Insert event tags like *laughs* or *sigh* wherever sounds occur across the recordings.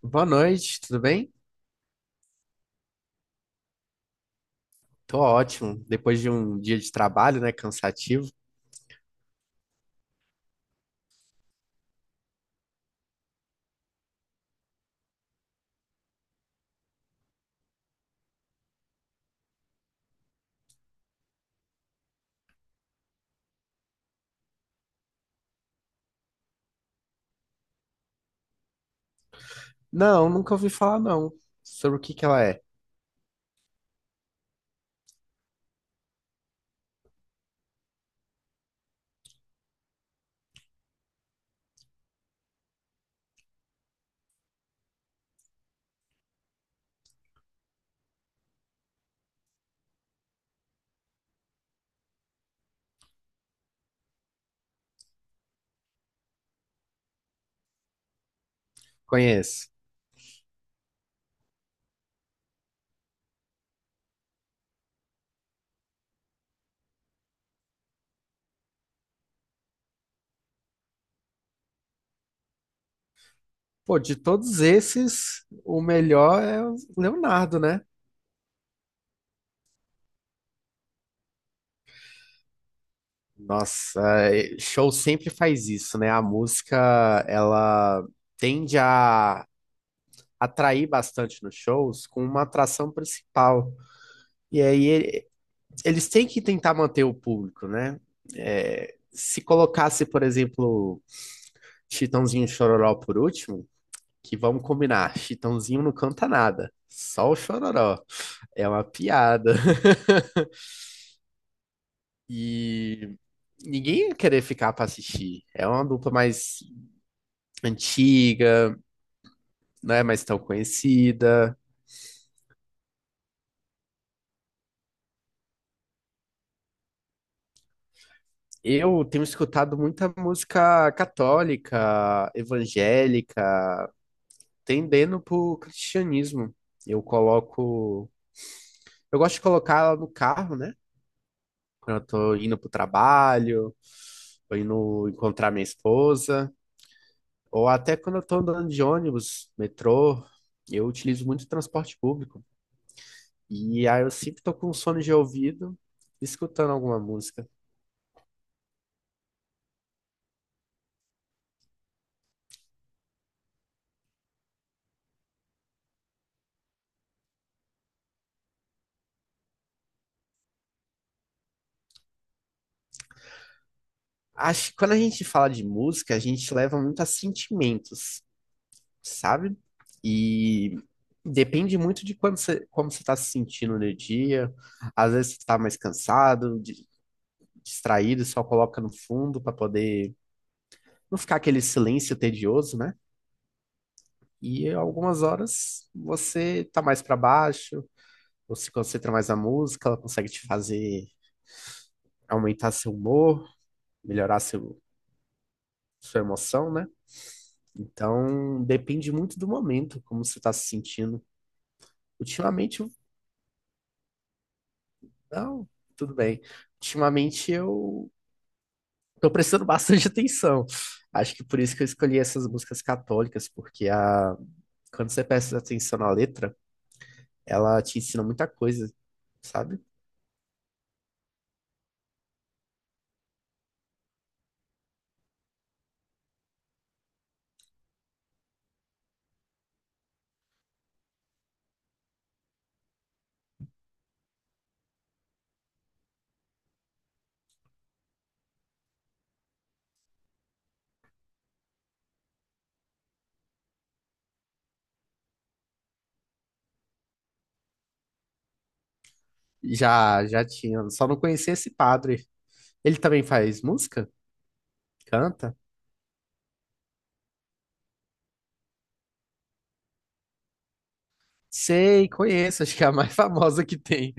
Boa noite, tudo bem? Tô ótimo. Depois de um dia de trabalho, né, cansativo. Não, nunca ouvi falar não. Sobre o que ela é? Conheço. Pô, de todos esses, o melhor é o Leonardo, né? Nossa, é, show sempre faz isso, né? A música, ela tende a atrair bastante nos shows com uma atração principal. E aí eles têm que tentar manter o público, né? É, se colocasse, por exemplo, Chitãozinho e Chororó por último, que vamos combinar, Chitãozinho não canta nada, só o Chororó. É uma piada. *laughs* E ninguém ia querer ficar pra assistir. É uma dupla mais antiga, não é mais tão conhecida. Eu tenho escutado muita música católica, evangélica, tendendo pro cristianismo. Eu coloco, eu gosto de colocar ela no carro, né? Quando eu tô indo pro trabalho ou indo encontrar minha esposa, ou até quando eu tô andando de ônibus, metrô, eu utilizo muito transporte público. E aí eu sempre tô com um sono de ouvido, escutando alguma música. Acho que quando a gente fala de música, a gente leva muito a sentimentos, sabe? E depende muito de quando você, como você está se sentindo no dia. Às vezes você está mais cansado, distraído, só coloca no fundo para poder não ficar aquele silêncio tedioso, né? E algumas horas você tá mais para baixo, ou se concentra mais na música, ela consegue te fazer aumentar seu humor, melhorar seu, sua emoção, né? Então depende muito do momento, como você tá se sentindo. Ultimamente, eu- não, tudo bem. Ultimamente eu tô prestando bastante *laughs* atenção. Acho que por isso que eu escolhi essas músicas católicas, porque quando você presta atenção na letra, ela te ensina muita coisa, sabe? Já, já tinha. Só não conhecia esse padre. Ele também faz música? Canta? Sei, conheço. *laughs* Acho que é a mais *laughs* famosa que tem.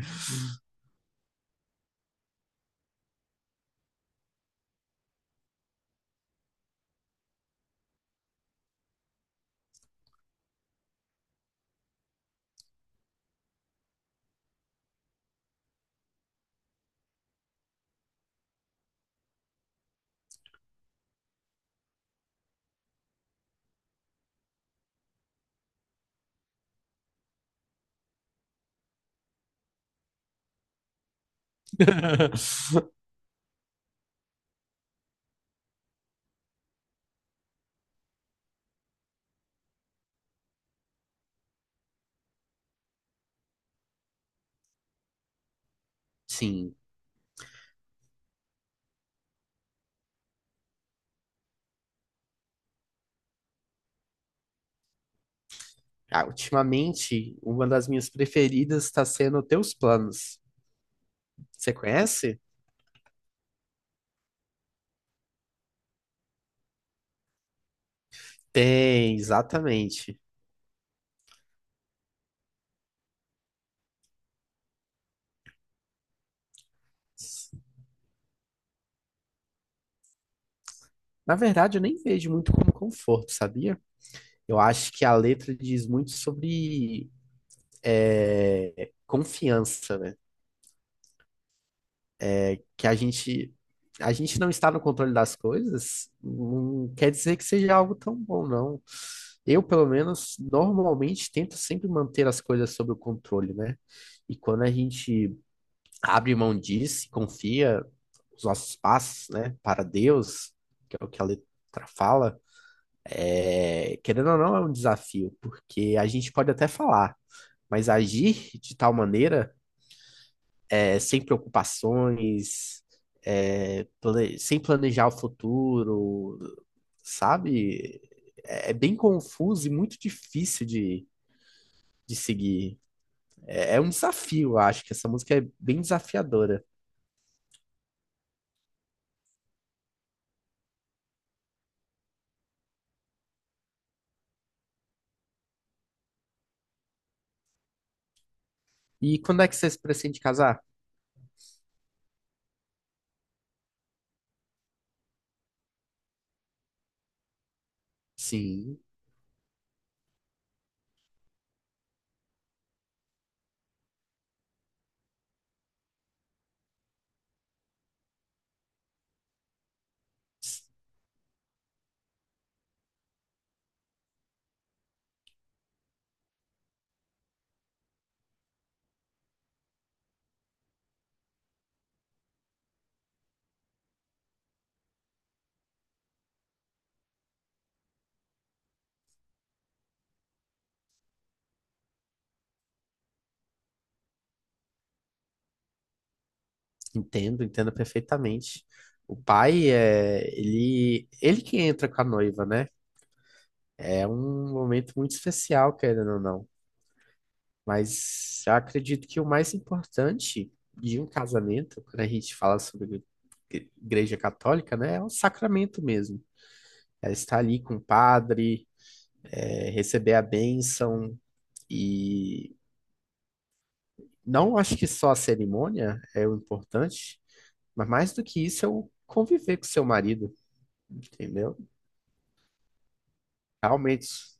*laughs* Sim. Ah, ultimamente, uma das minhas preferidas está sendo Teus Planos. Você conhece? Tem, exatamente. Na verdade, eu nem vejo muito como conforto, sabia? Eu acho que a letra diz muito sobre confiança, né? Que a gente não está no controle das coisas, não quer dizer que seja algo tão bom, não. Eu, pelo menos, normalmente tento sempre manter as coisas sob o controle, né? E quando a gente abre mão disso, e confia os nossos passos, né, para Deus, que é o que a letra fala, querendo ou não, é um desafio, porque a gente pode até falar, mas agir de tal maneira sem preocupações, sem planejar o futuro, sabe? É, é bem confuso e muito difícil de seguir. É, é um desafio, eu acho, que essa música é bem desafiadora. E quando é que vocês pretendem casar? Sim, entendo, entendo perfeitamente. O pai é ele, ele que entra com a noiva, né? É um momento muito especial, querendo ou não. Mas eu acredito que o mais importante de um casamento, quando a gente fala sobre igreja católica, né, é o sacramento mesmo. É estar ali com o padre, receber a bênção e não acho que só a cerimônia é o importante, mas mais do que isso é o conviver com seu marido, entendeu? Realmente,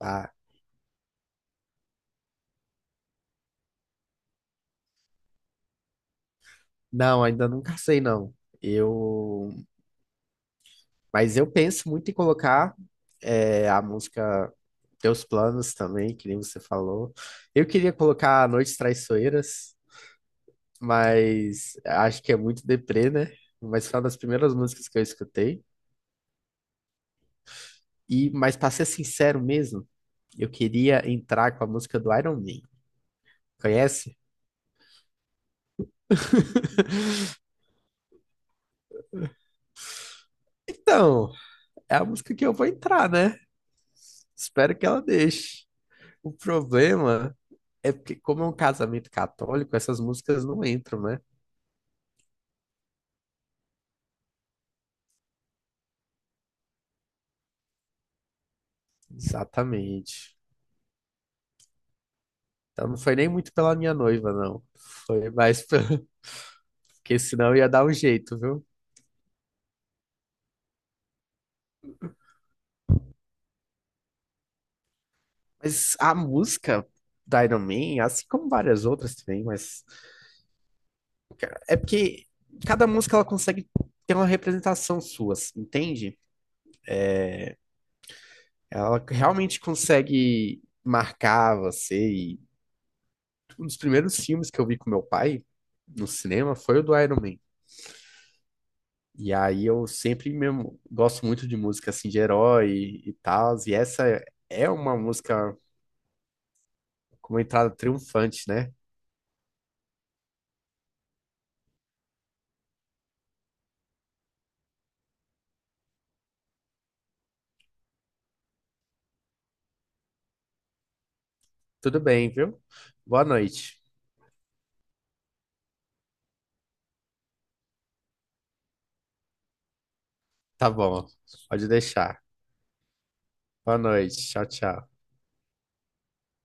ah, não, ainda não casei não. Eu mas eu penso muito em colocar a música Teus Planos também, que nem você falou. Eu queria colocar Noites Traiçoeiras, mas acho que é muito deprê, né? Mas foi uma das primeiras músicas que eu escutei. E, mas para ser sincero mesmo, eu queria entrar com a música do Iron Man. Conhece? Então, é a música que eu vou entrar, né? Espero que ela deixe. O problema é porque, como é um casamento católico, essas músicas não entram, né? Exatamente. Então não foi nem muito pela minha noiva, não. Foi mais pela... *laughs* Porque senão ia dar um jeito, viu? Mas a música da Iron Man, assim como várias outras também, mas é porque cada música ela consegue ter uma representação sua, assim, entende? Ela realmente consegue marcar você. E um dos primeiros filmes que eu vi com meu pai no cinema foi o do Iron Man. E aí eu sempre mesmo gosto muito de música assim de herói e tal, e essa é é uma música com uma entrada triunfante, né? Tudo bem, viu? Boa noite. Tá bom, pode deixar. Boa noite, tchau, tchau.